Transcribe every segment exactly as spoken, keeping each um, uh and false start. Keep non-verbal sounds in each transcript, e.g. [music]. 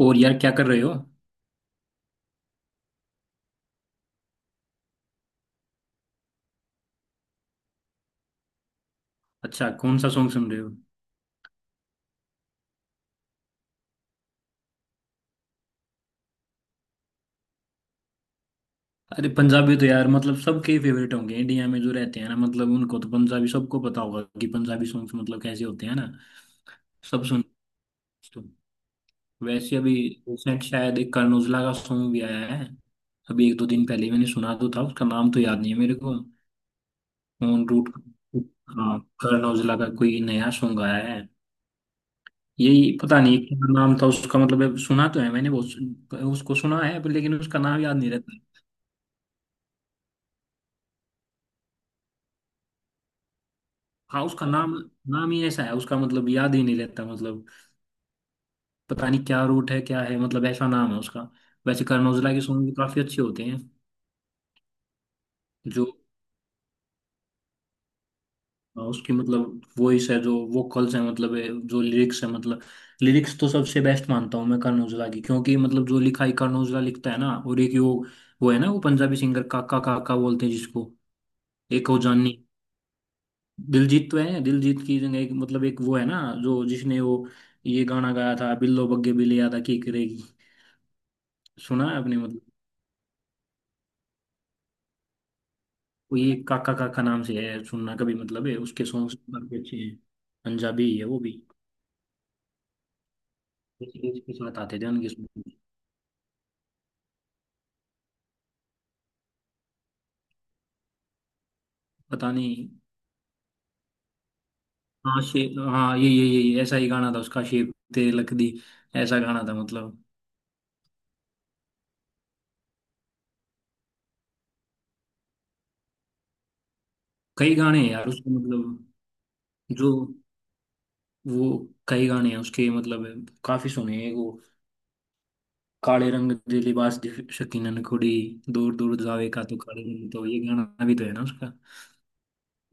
और यार क्या कर रहे हो? अच्छा कौन सा सॉन्ग सुन रहे हो? अरे पंजाबी तो यार मतलब सबके फेवरेट होंगे इंडिया में जो रहते हैं ना, मतलब उनको तो पंजाबी सबको पता होगा कि पंजाबी सॉन्ग्स मतलब कैसे होते हैं ना। सब सुन। तो वैसे अभी रिसेंट शायद एक करण औजला का सॉन्ग भी आया है। अभी एक दो दिन पहले ही मैंने सुना तो था, उसका नाम तो याद नहीं है मेरे को। On route. हाँ। करण औजला का कोई नया सॉन्ग आया है। यही पता नहीं क्या नाम था उसका, मतलब सुना तो है मैंने, बहुत उसको सुना है पर लेकिन उसका नाम याद नहीं रहता। हाँ, उसका नाम। नाम ही ऐसा है उसका मतलब याद ही नहीं लेता मतलब। पता नहीं क्या रूट है क्या है, मतलब ऐसा नाम है उसका। वैसे करण औजला के सॉन्ग भी काफी अच्छे होते हैं। जो हाँ, उसकी मतलब वॉइस है, जो वोकल्स है मतलब है, जो लिरिक्स है मतलब। लिरिक्स तो सबसे बेस्ट मानता हूँ मैं करण औजला की, क्योंकि मतलब जो लिखाई करण औजला लिखता है ना, और एक वो। वो है ना वो पंजाबी सिंगर, काका काका बोलते हैं जिसको। एक वो जानी। दिलजीत तो है, दिलजीत की जगह एक मतलब एक वो है ना, जो जिसने वो ये गाना गाया था, बिल्लो बग्गे बिल्ली यादा की करेगी। सुना है आपने मतलब? कोई एक काका काका नाम से है, सुनना कभी, मतलब है उसके सॉन्ग्स काफी अच्छे हैं। पंजाबी है वो भी। किसी के साथ आते थे उनके सॉन्ग। पता नहीं। हाँ शे हाँ, ये ये ये ये, ऐसा ही गाना था उसका, शेप तेरे लकदी। ऐसा गाना था मतलब। कई गाने हैं यार उसके मतलब। जो वो कई गाने हैं उसके मतलब, काफी सुने हैं वो। काले रंग दे लिबास दी शकीनन कुड़ी। दूर दूर जावे का तो काले रंग, तो ये गाना भी तो है ना उसका?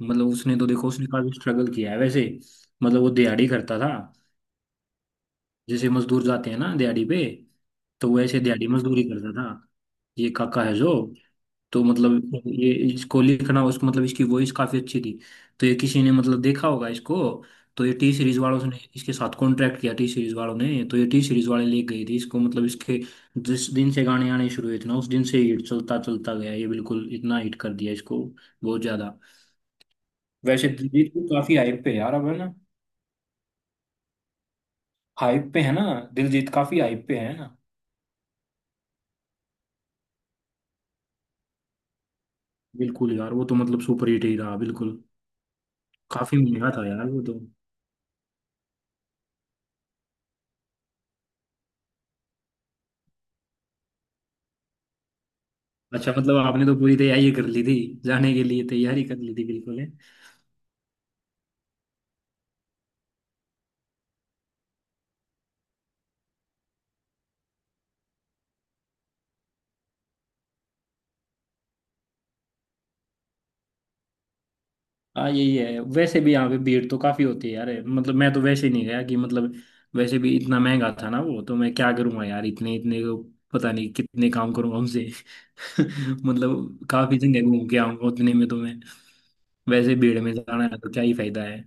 मतलब उसने तो देखो, उसने काफी स्ट्रगल किया है वैसे। मतलब वो दिहाड़ी करता था। जैसे मजदूर जाते हैं ना दिहाड़ी पे। तो वो ऐसे दिहाड़ी मजदूरी करता था। ये काका है जो। तो मतलब ये इसको लिखना उस मतलब इसकी वॉइस काफी अच्छी थी। तो ये किसी ने मतलब देखा होगा इसको। तो ये टी सीरीज वालों ने इसके साथ कॉन्ट्रैक्ट किया, टी सीरीज वालों ने, तो ये टी सीरीज वाले ले गए थे इसको मतलब इसके। जिस दिन से गाने आने शुरू हुए थे ना, उस दिन से हिट चलता चलता गया ये, बिल्कुल इतना हिट कर दिया इसको। बहुत ज्यादा। वैसे दिलजीत भी काफी हाइप पे है यार अब, है ना। हाइप पे है ना। दिलजीत काफी हाइप पे है ना। बिल्कुल यार, वो तो मतलब सुपर हिट ही रहा बिल्कुल। काफी महंगा था यार वो तो। अच्छा मतलब आपने तो पूरी तैयारी कर ली थी। जाने के लिए तैयारी कर ली थी बिल्कुल, है। हाँ यही है, वैसे भी यहाँ पे भीड़ तो काफी होती है यार, मतलब मैं तो वैसे ही नहीं गया कि मतलब। वैसे भी इतना महंगा था ना वो तो, मैं क्या करूंगा यार इतने, इतने को। पता नहीं कितने काम करूंगा उनसे। [laughs] मतलब काफी जगह घूम के आऊंगा उतने में तो मैं। वैसे भीड़ में जाना है तो क्या ही फायदा है।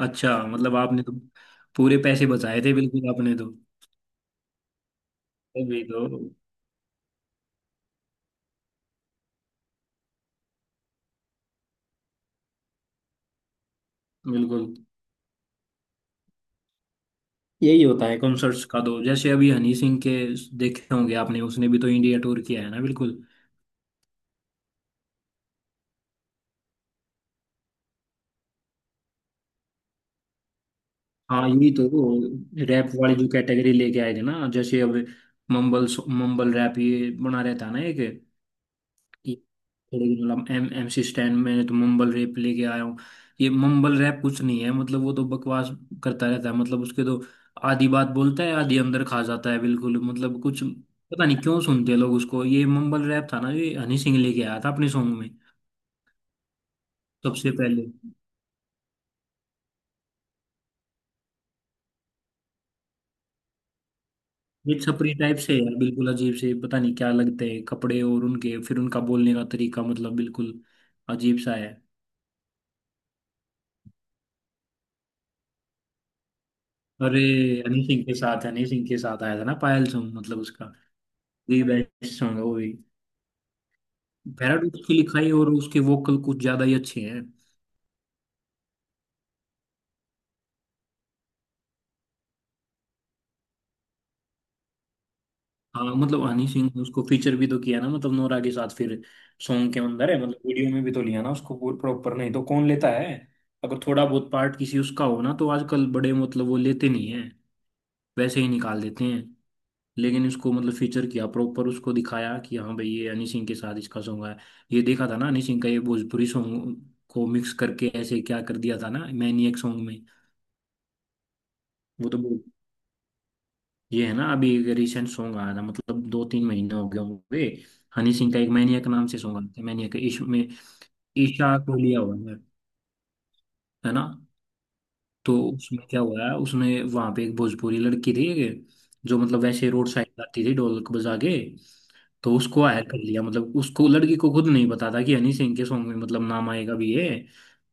अच्छा मतलब आपने तो पूरे पैसे बचाए थे बिल्कुल आपने तो। अभी तो बिल्कुल यही होता है कॉन्सर्ट्स का, तो जैसे अभी हनी सिंह के। देखे होंगे आपने, उसने भी तो इंडिया टूर किया है ना बिल्कुल। हाँ यही तो, रैप वाली जो कैटेगरी लेके आए थे ना, जैसे अब। मंबल मंबल रैप ये बना रहता है ना एक। ये थोड़े दिन मतलब एम एम सी स्टैन में तो मम्बल रैप लेके आया हूँ। ये मम्बल रैप कुछ नहीं है मतलब, वो तो बकवास करता रहता है, मतलब उसके तो। आधी बात बोलता है आधी अंदर खा जाता है बिल्कुल, मतलब कुछ पता नहीं क्यों सुनते हैं लोग उसको, ये मम्बल रैप था ना, ये हनी सिंह लेके आया था अपने सॉन्ग में। सबसे पहले। ये छपरी टाइप से है बिल्कुल, अजीब से पता नहीं क्या लगते हैं कपड़े, और उनके फिर उनका बोलने का तरीका मतलब बिल्कुल अजीब सा है। अरे हनी सिंह के साथ हनी सिंह के साथ आया था ना पायल सॉन्ग मतलब उसका। दी बेस्ट सॉन्ग है वो भी। पैराडॉक्स की लिखाई और उसके वोकल कुछ ज्यादा ही अच्छे हैं। हाँ मतलब हनी सिंह ने उसको फीचर भी तो किया ना मतलब, नोरा के साथ फिर सॉन्ग के अंदर है, मतलब वीडियो में भी तो लिया ना उसको प्रॉपर, नहीं तो कौन लेता है। अगर थोड़ा बहुत पार्ट किसी उसका हो ना, तो आजकल बड़े मतलब वो लेते नहीं हैं। वैसे ही निकाल देते हैं। लेकिन इसको मतलब फीचर किया प्रॉपर, उसको दिखाया कि हाँ भाई ये हनी सिंह के साथ इसका सॉन्ग है। ये देखा था ना हनी सिंह का ये भोजपुरी सॉन्ग को मिक्स करके ऐसे क्या कर दिया था ना मैनिएक सॉन्ग में। वो तो ये है ना, अभी एक रिसेंट सॉन्ग आया था, मतलब दो तीन महीने हो गए होंगे। हनी सिंह का एक मैनियक नाम से सॉन्ग आया था, मैनियक ईश में। ईशा को लिया हुआ है। है ना। तो उसमें क्या हुआ है, उसमें वहां पे एक भोजपुरी लड़की थी। जो मतलब वैसे रोड साइड गाती थी ढोलक बजा के। तो उसको हायर कर लिया, मतलब उसको लड़की को खुद नहीं पता था कि हनी सिंह के सॉन्ग में मतलब नाम आएगा भी ये।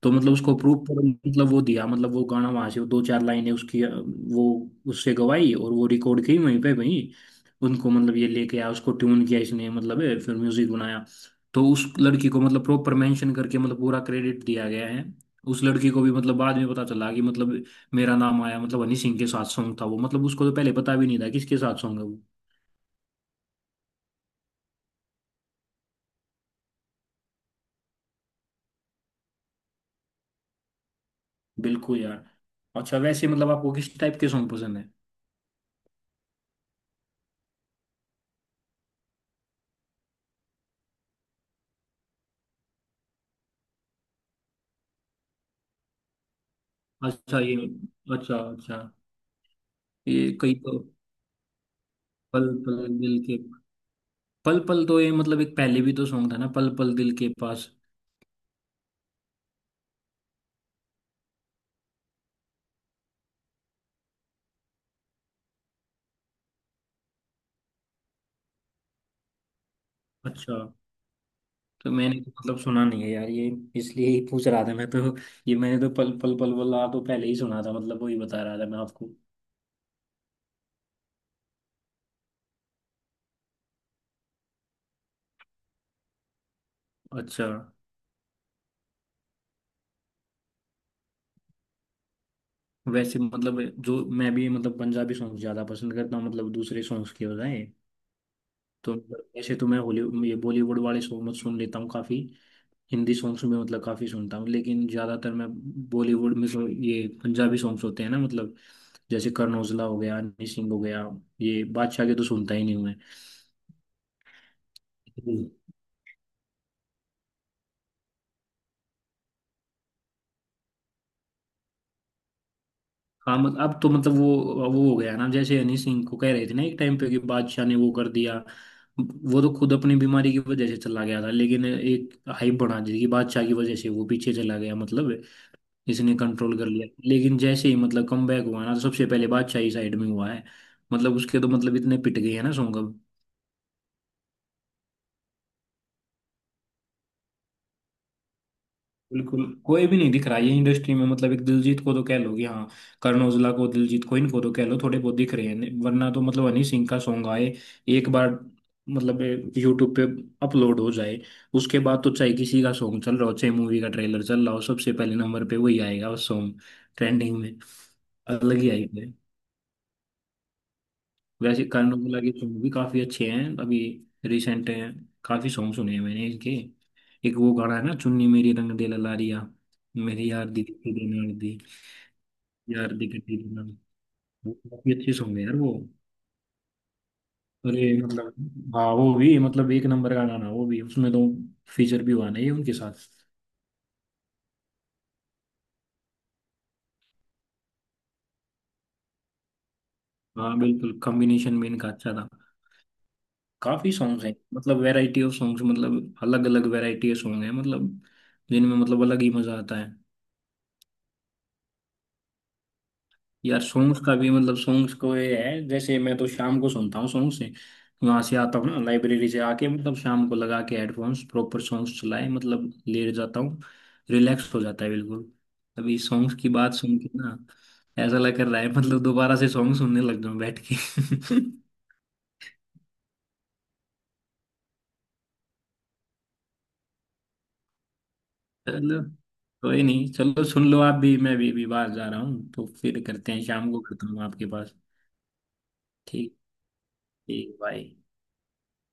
तो मतलब उसको प्रूफ पर मतलब वो दिया, मतलब वो गाना वहां से दो चार लाइनें उसकी अ, वो उससे गवाई और वो रिकॉर्ड की वहीं पे, वहीं उनको मतलब ये लेके आया, उसको ट्यून किया इसने मतलब है, फिर म्यूजिक बनाया। तो उस लड़की को मतलब प्रॉपर मेंशन करके मतलब पूरा क्रेडिट दिया गया है। उस लड़की को भी मतलब बाद में पता चला कि मतलब मेरा नाम आया, मतलब हनी सिंह के साथ सॉन्ग था वो, मतलब उसको तो पहले पता भी नहीं था किसके साथ सॉन्ग है वो। बिल्कुल यार। अच्छा वैसे मतलब आपको किस टाइप के सॉन्ग पसंद है? अच्छा ये। अच्छा अच्छा। ये कई तो, पल पल दिल के, पल पल तो ये मतलब एक पहले भी तो सॉन्ग था ना, पल पल दिल के पास। अच्छा, तो मैंने तो मतलब सुना नहीं है यार ये, इसलिए ही पूछ रहा था मैं तो। ये मैंने तो पल पल, पल पल आ तो पहले ही सुना था, मतलब वही बता रहा था मैं आपको। अच्छा वैसे मतलब, जो मैं भी मतलब पंजाबी सॉन्ग ज्यादा पसंद करता हूँ मतलब दूसरे सॉन्ग्स के बजाय। तो मतलब वैसे तो मैं हॉली, ये बॉलीवुड वाले सॉन्ग मत सुन लेता हूँ काफी। हिंदी सॉन्ग्स में मतलब काफी सुनता हूँ, लेकिन ज्यादातर मैं बॉलीवुड में जो ये पंजाबी सॉन्ग्स होते हैं ना मतलब, जैसे करण औजला हो गया, हनी सिंह हो गया। ये बादशाह के तो सुनता ही नहीं हूँ मैं। हाँ मत- अब तो मतलब वो वो हो गया ना जैसे हनी सिंह को कह रहे थे ना एक टाइम पे कि बादशाह ने वो कर दिया। वो तो खुद अपनी बीमारी की वजह से चला गया था, लेकिन एक हाइप बना दी थी कि बादशाह की वजह से वो पीछे चला गया, मतलब इसने कंट्रोल कर लिया। लेकिन जैसे ही मतलब कम बैक हुआ ना, तो सबसे पहले बादशाह ही साइड में हुआ है। मतलब उसके तो मतलब इतने पिट गए हैं ना सॉन्ग अब। बिल्कुल, कोई भी नहीं दिख रहा है ये इंडस्ट्री में, मतलब एक दिलजीत को तो कह लो कि हाँ, करण औजला को, दिलजीत को, इनको तो कह लो थोड़े बहुत दिख रहे हैं, वरना तो मतलब हनी सिंह का सॉन्ग आए एक बार, मतलब यूट्यूब पे अपलोड हो जाए, उसके बाद तो चाहे किसी का सॉन्ग चल रहा हो, चाहे मूवी का ट्रेलर चल रहा हो, सबसे पहले नंबर पे वही आएगा वो सॉन्ग ट्रेंडिंग में, अलग ही आएगा। वैसे करण औजला के सॉन्ग भी काफी अच्छे हैं अभी, रिसेंट हैं। काफी सॉन्ग सुने हैं मैंने इनके। एक वो गाना है ना, चुन्नी मेरी रंग दे ललारिया, मेरी यार दी गट्टी दे नाल दी, यार दी गट्टी दे नाल। वो काफी अच्छे सॉन्ग है यार वो। अरे मतलब, हाँ वो भी मतलब एक नंबर का गाना वो भी, उसमें तो फीचर भी हुआ ना ये उनके साथ। हाँ बिल्कुल, कॉम्बिनेशन में इनका अच्छा था। काफी सॉन्ग्स हैं मतलब, वैरायटी ऑफ सॉन्ग्स, मतलब अलग अलग वैरायटी के सॉन्ग है मतलब, जिनमें मतलब अलग ही मजा आता है। यार सॉन्ग्स का भी मतलब, सॉन्ग्स को ये है, जैसे मैं तो शाम को सुनता हूँ सॉन्ग से, वहां से आता हूँ ना लाइब्रेरी से आके, मतलब शाम को लगा के हेडफोन्स, प्रॉपर सॉन्ग्स चलाए, मतलब लेट जाता हूँ, रिलैक्स हो जाता है बिल्कुल। अभी सॉन्ग्स की बात सुन के ना, ऐसा लग कर रहा है मतलब दोबारा से सॉन्ग सुनने लग जाऊं बैठ के। [laughs] चलो, कोई नहीं, चलो सुन लो आप भी, मैं भी, भी बाहर जा रहा हूँ, तो फिर करते हैं, शाम को करता हूँ आपके पास। ठीक। ठीक भाई।